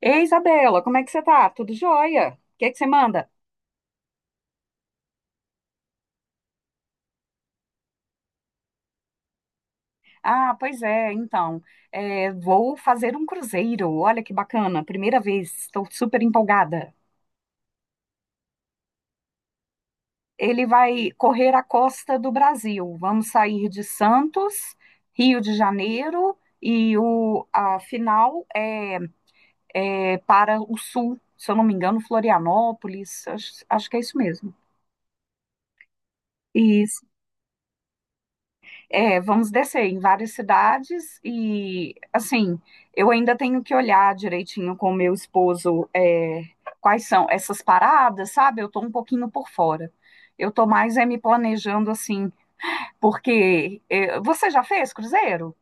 Ei, Isabela, como é que você tá? Tudo jóia? O que é que você manda? Ah, pois é, então, vou fazer um cruzeiro. Olha que bacana, primeira vez, estou super empolgada. Ele vai correr a costa do Brasil. Vamos sair de Santos, Rio de Janeiro, e a final é para o sul, se eu não me engano, Florianópolis, acho que é isso mesmo. É, vamos descer em várias cidades e, assim, eu ainda tenho que olhar direitinho com o meu esposo, quais são essas paradas, sabe? Eu tô um pouquinho por fora. Eu tô mais é me planejando assim, porque você já fez cruzeiro?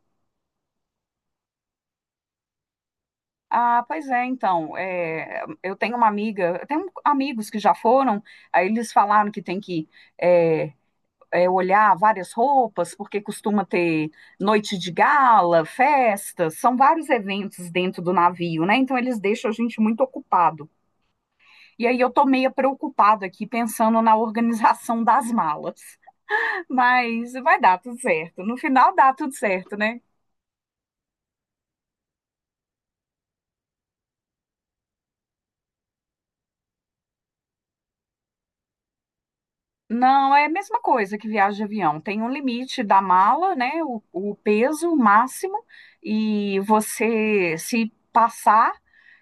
Ah, pois é, então, eu tenho uma amiga, eu tenho amigos que já foram, aí eles falaram que tem que é, olhar várias roupas, porque costuma ter noite de gala, festas, são vários eventos dentro do navio, né? Então eles deixam a gente muito ocupado. E aí eu tô meio preocupada aqui pensando na organização das malas. Mas vai dar tudo certo. No final dá tudo certo, né? Não, é a mesma coisa que viagem de avião. Tem um limite da mala, né? O peso máximo, e você, se passar,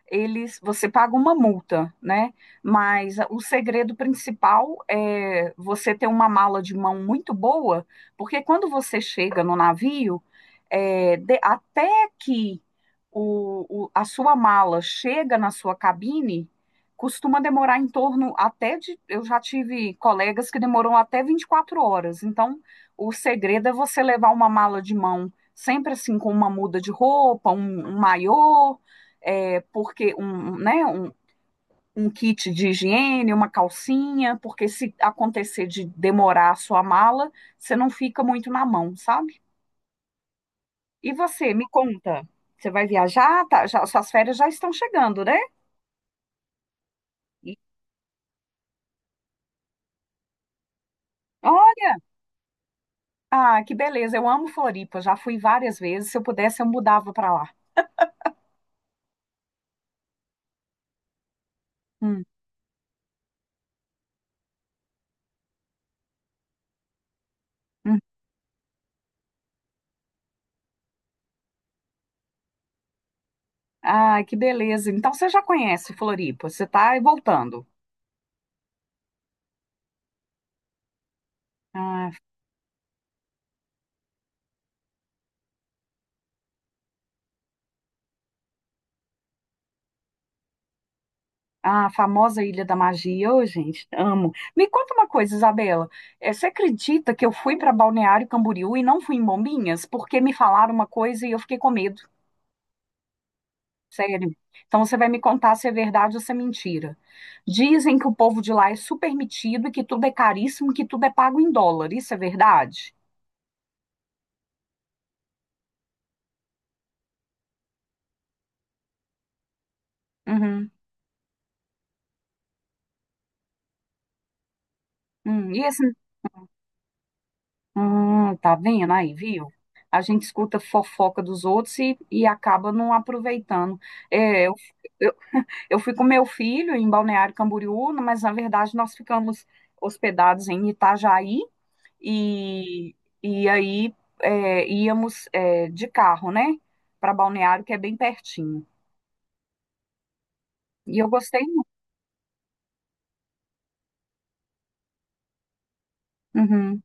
você paga uma multa, né? Mas o segredo principal é você ter uma mala de mão muito boa, porque quando você chega no navio, até que a sua mala chega na sua cabine costuma demorar em torno até de. Eu já tive colegas que demoram até 24 horas. Então, o segredo é você levar uma mala de mão, sempre assim, com uma muda de roupa, um maiô, porque um kit de higiene, uma calcinha, porque se acontecer de demorar a sua mala, você não fica muito na mão, sabe? E você, me conta, você vai viajar? Tá, já- suas férias já estão chegando, né? E olha. Ah, que beleza. Eu amo Floripa. Já fui várias vezes. Se eu pudesse, eu mudava para lá. Hum, hum. Ah, que beleza. Então você já conhece Floripa. Você está voltando. Ah, ah, a famosa Ilha da Magia. Ô, gente, amo. Me conta uma coisa, Isabela. Eh, você acredita que eu fui para Balneário Camboriú e não fui em Bombinhas? Porque me falaram uma coisa e eu fiquei com medo. Sério. Então você vai me contar se é verdade ou se é mentira. Dizem que o povo de lá é super metido e que tudo é caríssimo, que tudo é pago em dólar. Isso é verdade? Uhum, uhum. E esse, tá vendo aí, viu? A gente escuta fofoca dos outros e, acaba não aproveitando. É, eu, eu, eu fui com meu filho em Balneário Camboriú, mas na verdade nós ficamos hospedados em Itajaí e, e aí íamos de carro, né? Para Balneário, que é bem pertinho. E eu gostei muito. Uhum.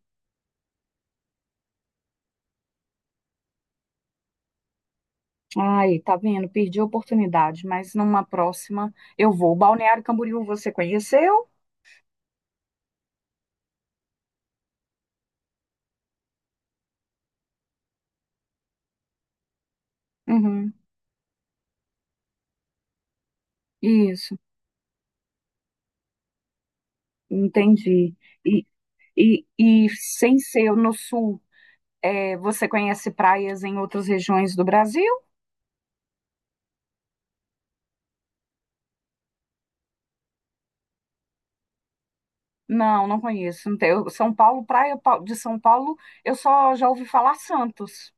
Ai, tá vendo? Perdi a oportunidade, mas numa próxima eu vou. Balneário Camboriú, você conheceu? Uhum, isso, entendi. E, e e sem ser no sul, você conhece praias em outras regiões do Brasil? Não, não conheço. Não tem- eu- São Paulo, praia pa- de São Paulo, eu só já ouvi falar Santos.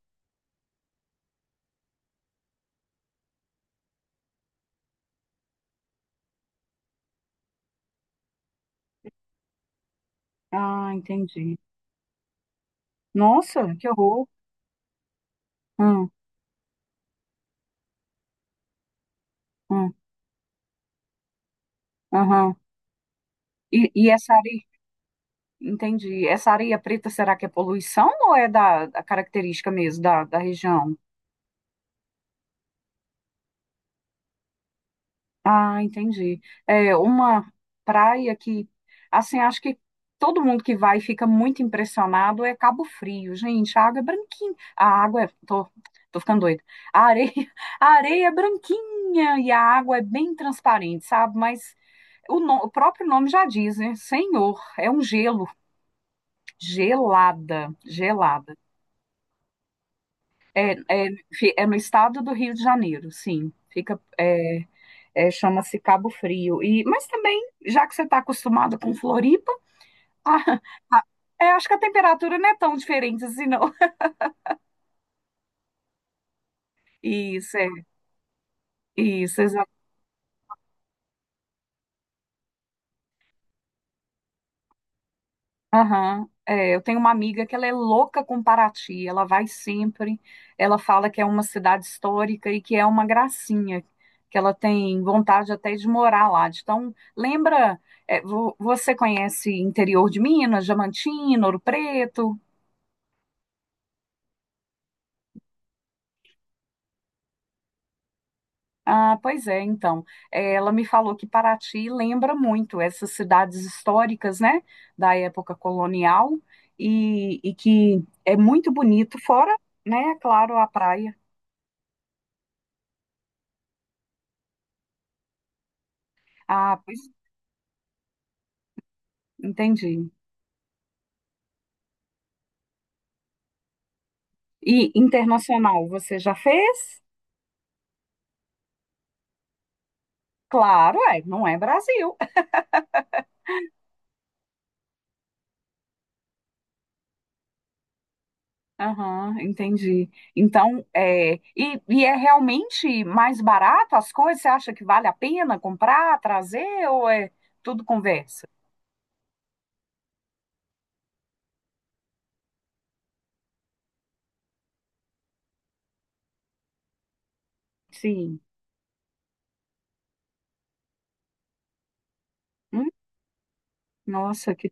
Ah, entendi. Nossa, que horror. Hum, hum, aham. E essa areia, entendi. Essa areia preta, será que é poluição ou é da característica mesmo da região? Ah, entendi. É uma praia que, assim, acho que todo mundo que vai fica muito impressionado é Cabo Frio, gente. A água é branquinha. A água é. Tô ficando doida. A areia, a areia é branquinha e a água é bem transparente, sabe? Mas o, no- o próprio nome já diz, né? Senhor, é um gelo. Gelada, gelada. É, é no estado do Rio de Janeiro, sim. Fica. É, chama-se Cabo Frio. E, mas também, já que você está acostumado com Floripa, ah, acho que a temperatura não é tão diferente assim, não. Isso, isso, exato. Aham. É, eu tenho uma amiga que ela é louca com Paraty, ela vai sempre, ela fala que é uma cidade histórica e que é uma gracinha, que ela tem vontade até de morar lá. Então, lembra, você conhece interior de Minas, Diamantina, Ouro Preto? Ah, pois é, então. Eh, ela me falou que Paraty lembra muito essas cidades históricas, né, da época colonial, e que é muito bonito, fora, né, claro, a praia. Ah, pois, entendi. E internacional, você já fez? Claro, não é Brasil. Aham, entendi. Então, e é realmente mais barato as coisas? Você acha que vale a pena comprar, trazer, ou é tudo conversa? Sim. Hum. Nossa, que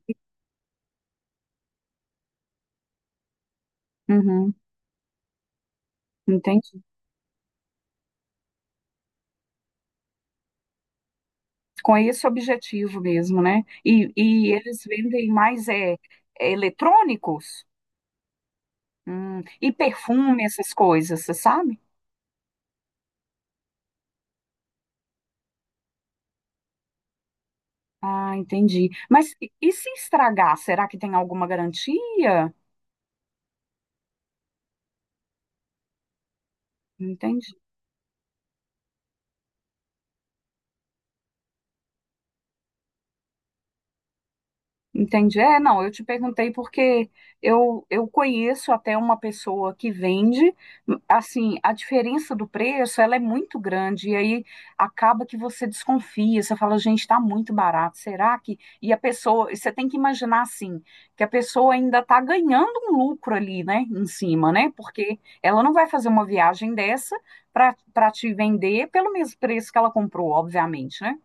uhum, entendi. Com esse objetivo mesmo, né? E eles vendem mais eletrônicos. E perfume, essas coisas, você sabe? Ah, entendi. Mas se estragar, será que tem alguma garantia? Entendi. Entendi. É, não, eu te perguntei porque eu conheço até uma pessoa que vende, assim, a diferença do preço, ela é muito grande, e aí acaba que você desconfia, você fala, gente, tá muito barato, será que... E a pessoa, e você tem que imaginar, assim, que a pessoa ainda tá ganhando um lucro ali, né, em cima, né, porque ela não vai fazer uma viagem dessa para te vender pelo mesmo preço que ela comprou, obviamente, né?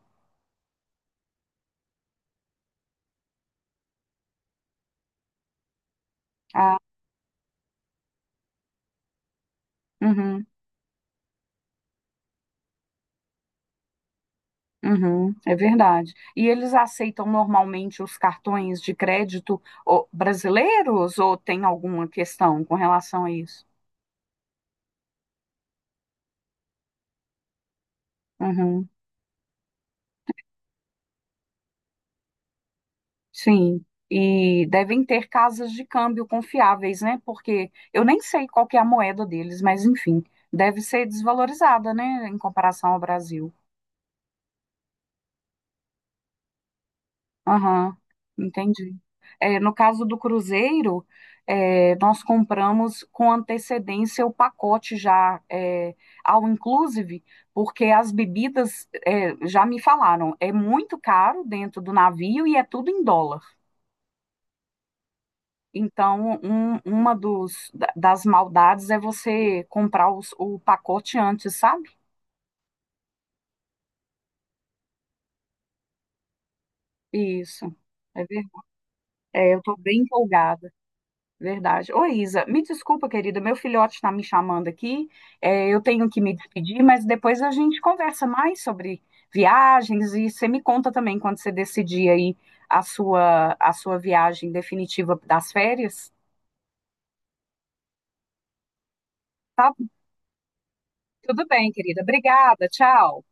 Ah, uhum. Uhum, é verdade. E eles aceitam normalmente os cartões de crédito ô, brasileiros ou tem alguma questão com relação a isso? Uhum, sim. E devem ter casas de câmbio confiáveis, né? Porque eu nem sei qual que é a moeda deles, mas enfim, deve ser desvalorizada, né, em comparação ao Brasil. Aham, entendi. É, no caso do cruzeiro, nós compramos com antecedência o pacote ao inclusive, porque as bebidas é, já me falaram, é muito caro dentro do navio e é tudo em dólar. Então, uma das maldades é você comprar o pacote antes, sabe? Isso. É verdade. É, eu estou bem empolgada. Verdade. Ô, Isa, me desculpa, querida, meu filhote está me chamando aqui. É, eu tenho que me despedir, mas depois a gente conversa mais sobre viagens e você me conta também quando você decidir aí a sua viagem definitiva das férias. Tá? Tudo bem, querida. Obrigada. Tchau.